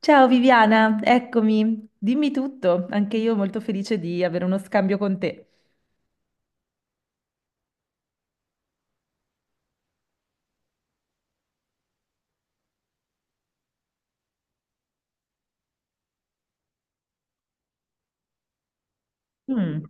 Ciao Viviana, eccomi, dimmi tutto, anche io molto felice di avere uno scambio con te. Mm.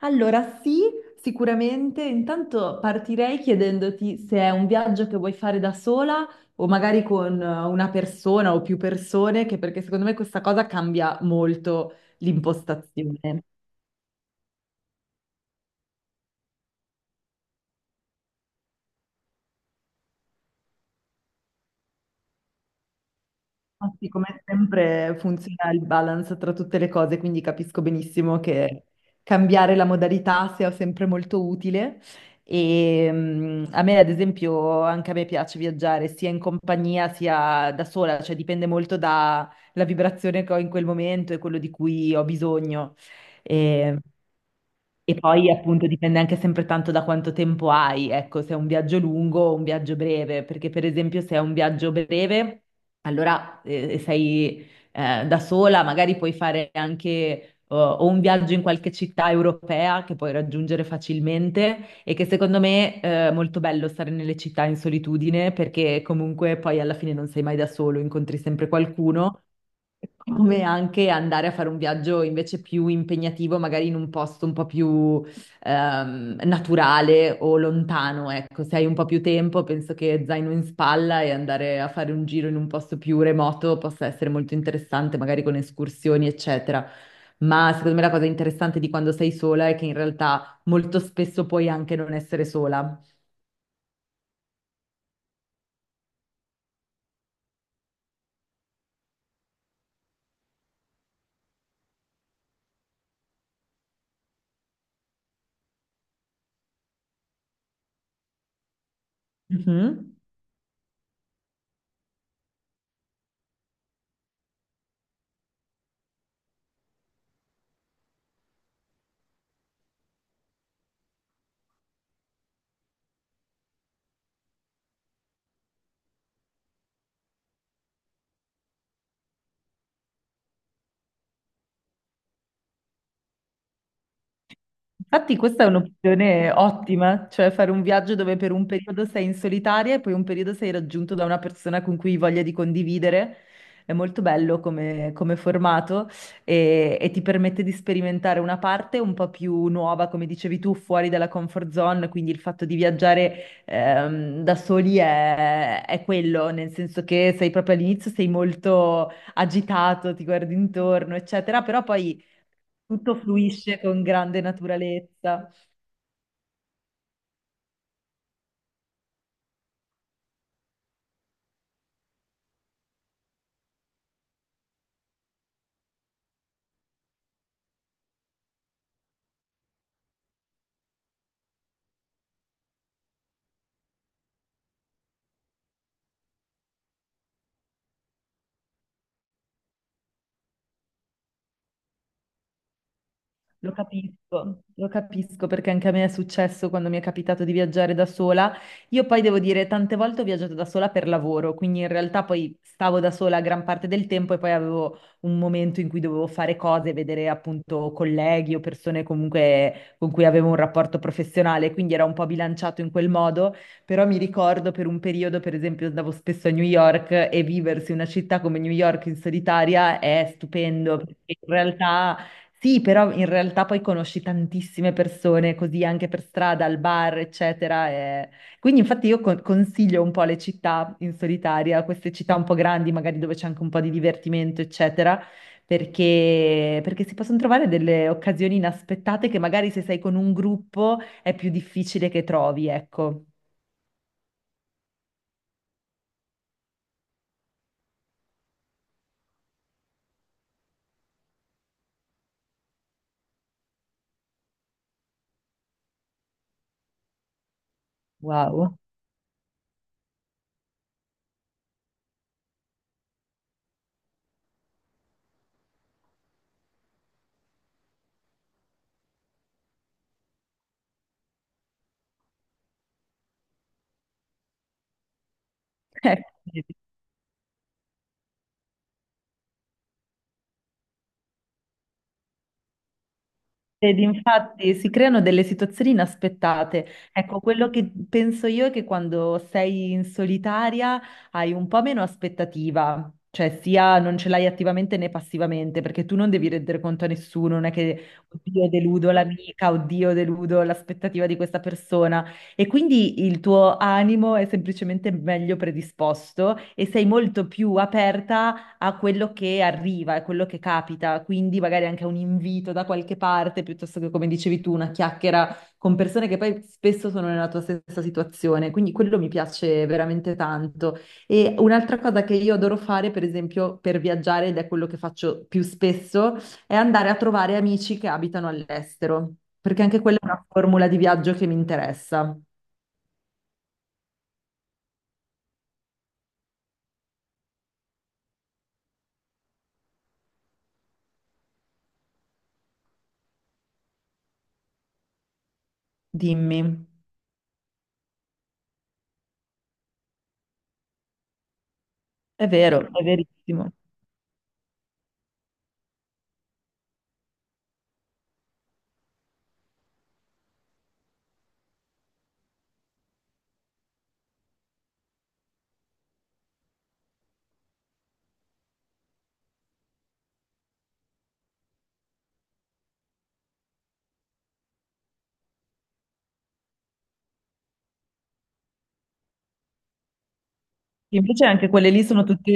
Allora, sì, sicuramente. Intanto partirei chiedendoti se è un viaggio che vuoi fare da sola o magari con una persona o più persone, che perché secondo me questa cosa cambia molto l'impostazione. Ah, sì, come sempre funziona il balance tra tutte le cose, quindi capisco benissimo che cambiare la modalità sia sempre molto utile. E a me, ad esempio, anche a me piace viaggiare sia in compagnia sia da sola, cioè dipende molto dalla vibrazione che ho in quel momento e quello di cui ho bisogno. E, e poi appunto dipende anche sempre tanto da quanto tempo hai, ecco, se è un viaggio lungo o un viaggio breve, perché per esempio se è un viaggio breve. Allora, sei da sola, magari puoi fare anche o un viaggio in qualche città europea che puoi raggiungere facilmente e che secondo me è molto bello stare nelle città in solitudine perché comunque poi alla fine non sei mai da solo, incontri sempre qualcuno come anche andare a fare un viaggio invece più impegnativo, magari in un posto un po' più naturale o lontano, ecco, se hai un po' più tempo, penso che zaino in spalla e andare a fare un giro in un posto più remoto possa essere molto interessante, magari con escursioni, eccetera. Ma secondo me la cosa interessante di quando sei sola è che in realtà molto spesso puoi anche non essere sola. Mhm. Infatti questa è un'opzione ottima, cioè fare un viaggio dove per un periodo sei in solitaria e poi un periodo sei raggiunto da una persona con cui hai voglia di condividere. È molto bello come, come formato e ti permette di sperimentare una parte un po' più nuova, come dicevi tu, fuori dalla comfort zone, quindi il fatto di viaggiare da soli è quello, nel senso che sei proprio all'inizio, sei molto agitato, ti guardi intorno, eccetera, però poi... Tutto fluisce con grande naturalezza. Lo capisco perché anche a me è successo quando mi è capitato di viaggiare da sola. Io poi devo dire, tante volte ho viaggiato da sola per lavoro, quindi in realtà poi stavo da sola gran parte del tempo e poi avevo un momento in cui dovevo fare cose, vedere appunto colleghi o persone comunque con cui avevo un rapporto professionale, quindi era un po' bilanciato in quel modo, però mi ricordo per un periodo, per esempio, andavo spesso a New York e viversi una città come New York in solitaria è stupendo, perché in realtà sì, però in realtà poi conosci tantissime persone così anche per strada, al bar, eccetera. Quindi infatti io consiglio un po' le città in solitaria, queste città un po' grandi, magari dove c'è anche un po' di divertimento, eccetera, perché si possono trovare delle occasioni inaspettate che magari se sei con un gruppo è più difficile che trovi, ecco. Wow. Ecco. Ed infatti si creano delle situazioni inaspettate. Ecco, quello che penso io è che quando sei in solitaria hai un po' meno aspettativa, cioè sia non ce l'hai attivamente né passivamente, perché tu non devi rendere conto a nessuno, non è che oddio deludo l'amica, oddio deludo l'aspettativa di questa persona. E quindi il tuo animo è semplicemente meglio predisposto e sei molto più aperta a quello che arriva, a quello che capita, quindi magari anche a un invito da qualche parte, piuttosto che, come dicevi tu, una chiacchiera con persone che poi spesso sono nella tua stessa situazione. Quindi quello mi piace veramente tanto. E un'altra cosa che io adoro fare, per esempio, per viaggiare, ed è quello che faccio più spesso, è andare a trovare amici che abitano all'estero, perché anche quella è una formula di viaggio che mi interessa. Dimmi. È vero, è verissimo. Invece anche quelle lì sono tutte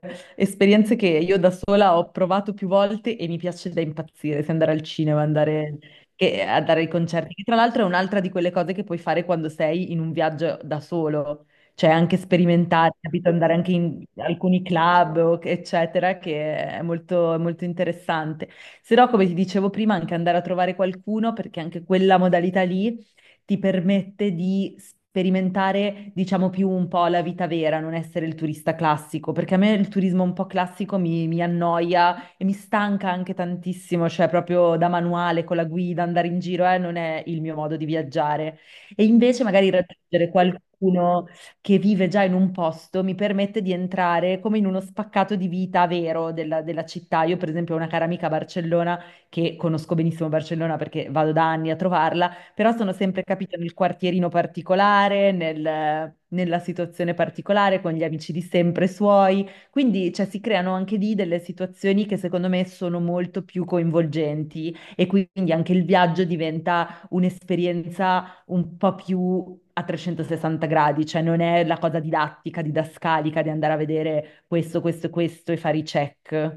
eh, esperienze che io da sola ho provato più volte e mi piace da impazzire, se andare al cinema, andare, andare ai concerti, che tra l'altro è un'altra di quelle cose che puoi fare quando sei in un viaggio da solo, cioè anche sperimentare, capito? Andare anche in alcuni club, eccetera, che è molto interessante. Se no, come ti dicevo prima, anche andare a trovare qualcuno, perché anche quella modalità lì ti permette di sperimentare, diciamo, più un po' la vita vera, non essere il turista classico, perché a me il turismo un po' classico mi annoia e mi stanca anche tantissimo, cioè proprio da manuale, con la guida, andare in giro, non è il mio modo di viaggiare. E invece magari raggiungere qualcuno che vive già in un posto mi permette di entrare come in uno spaccato di vita vero della città. Io, per esempio, ho una cara amica a Barcellona che conosco benissimo Barcellona perché vado da anni a trovarla, però sono sempre capita nel quartierino particolare, nella situazione particolare, con gli amici di sempre suoi, quindi cioè, si creano anche lì delle situazioni che secondo me sono molto più coinvolgenti e quindi anche il viaggio diventa un'esperienza un po' più a 360 gradi, cioè non è la cosa didattica, didascalica di andare a vedere questo, questo e questo e fare i check.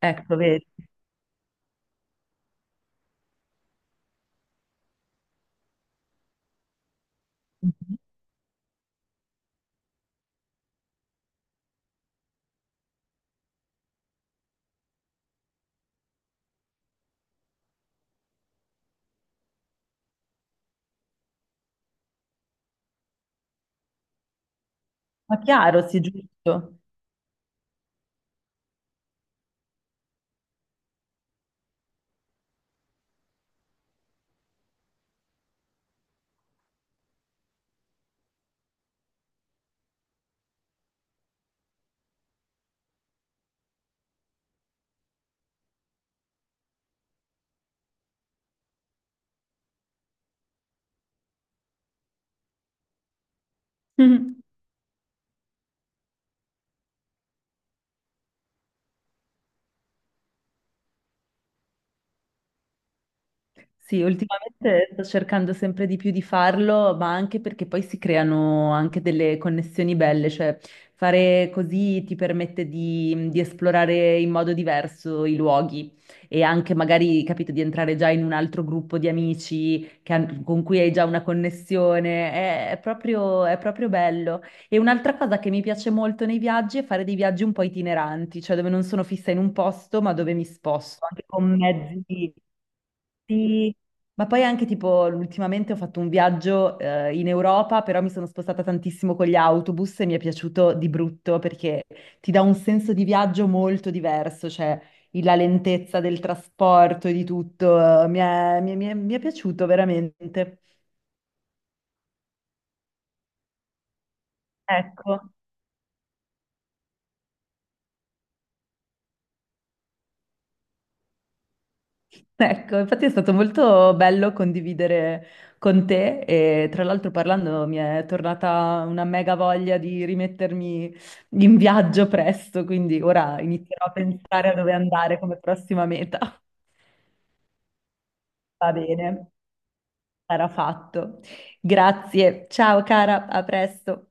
Ecco, vedi. Mhm. Ma chiaro, sì, giusto. Sì, ultimamente sto cercando sempre di più di farlo, ma anche perché poi si creano anche delle connessioni belle, cioè fare così ti permette di esplorare in modo diverso i luoghi e anche magari, capito, di entrare già in un altro gruppo di amici con cui hai già una connessione, è proprio bello. E un'altra cosa che mi piace molto nei viaggi è fare dei viaggi un po' itineranti, cioè dove non sono fissa in un posto, ma dove mi sposto, anche con mezzi. Sì, ma poi anche tipo ultimamente ho fatto un viaggio in Europa, però mi sono spostata tantissimo con gli autobus e mi è piaciuto di brutto perché ti dà un senso di viaggio molto diverso, cioè la lentezza del trasporto e di tutto, mi è piaciuto veramente. Ecco. Ecco, infatti è stato molto bello condividere con te e tra l'altro parlando mi è tornata una mega voglia di rimettermi in viaggio presto, quindi ora inizierò a pensare a dove andare come prossima meta. Va bene, sarà fatto. Grazie, ciao cara, a presto.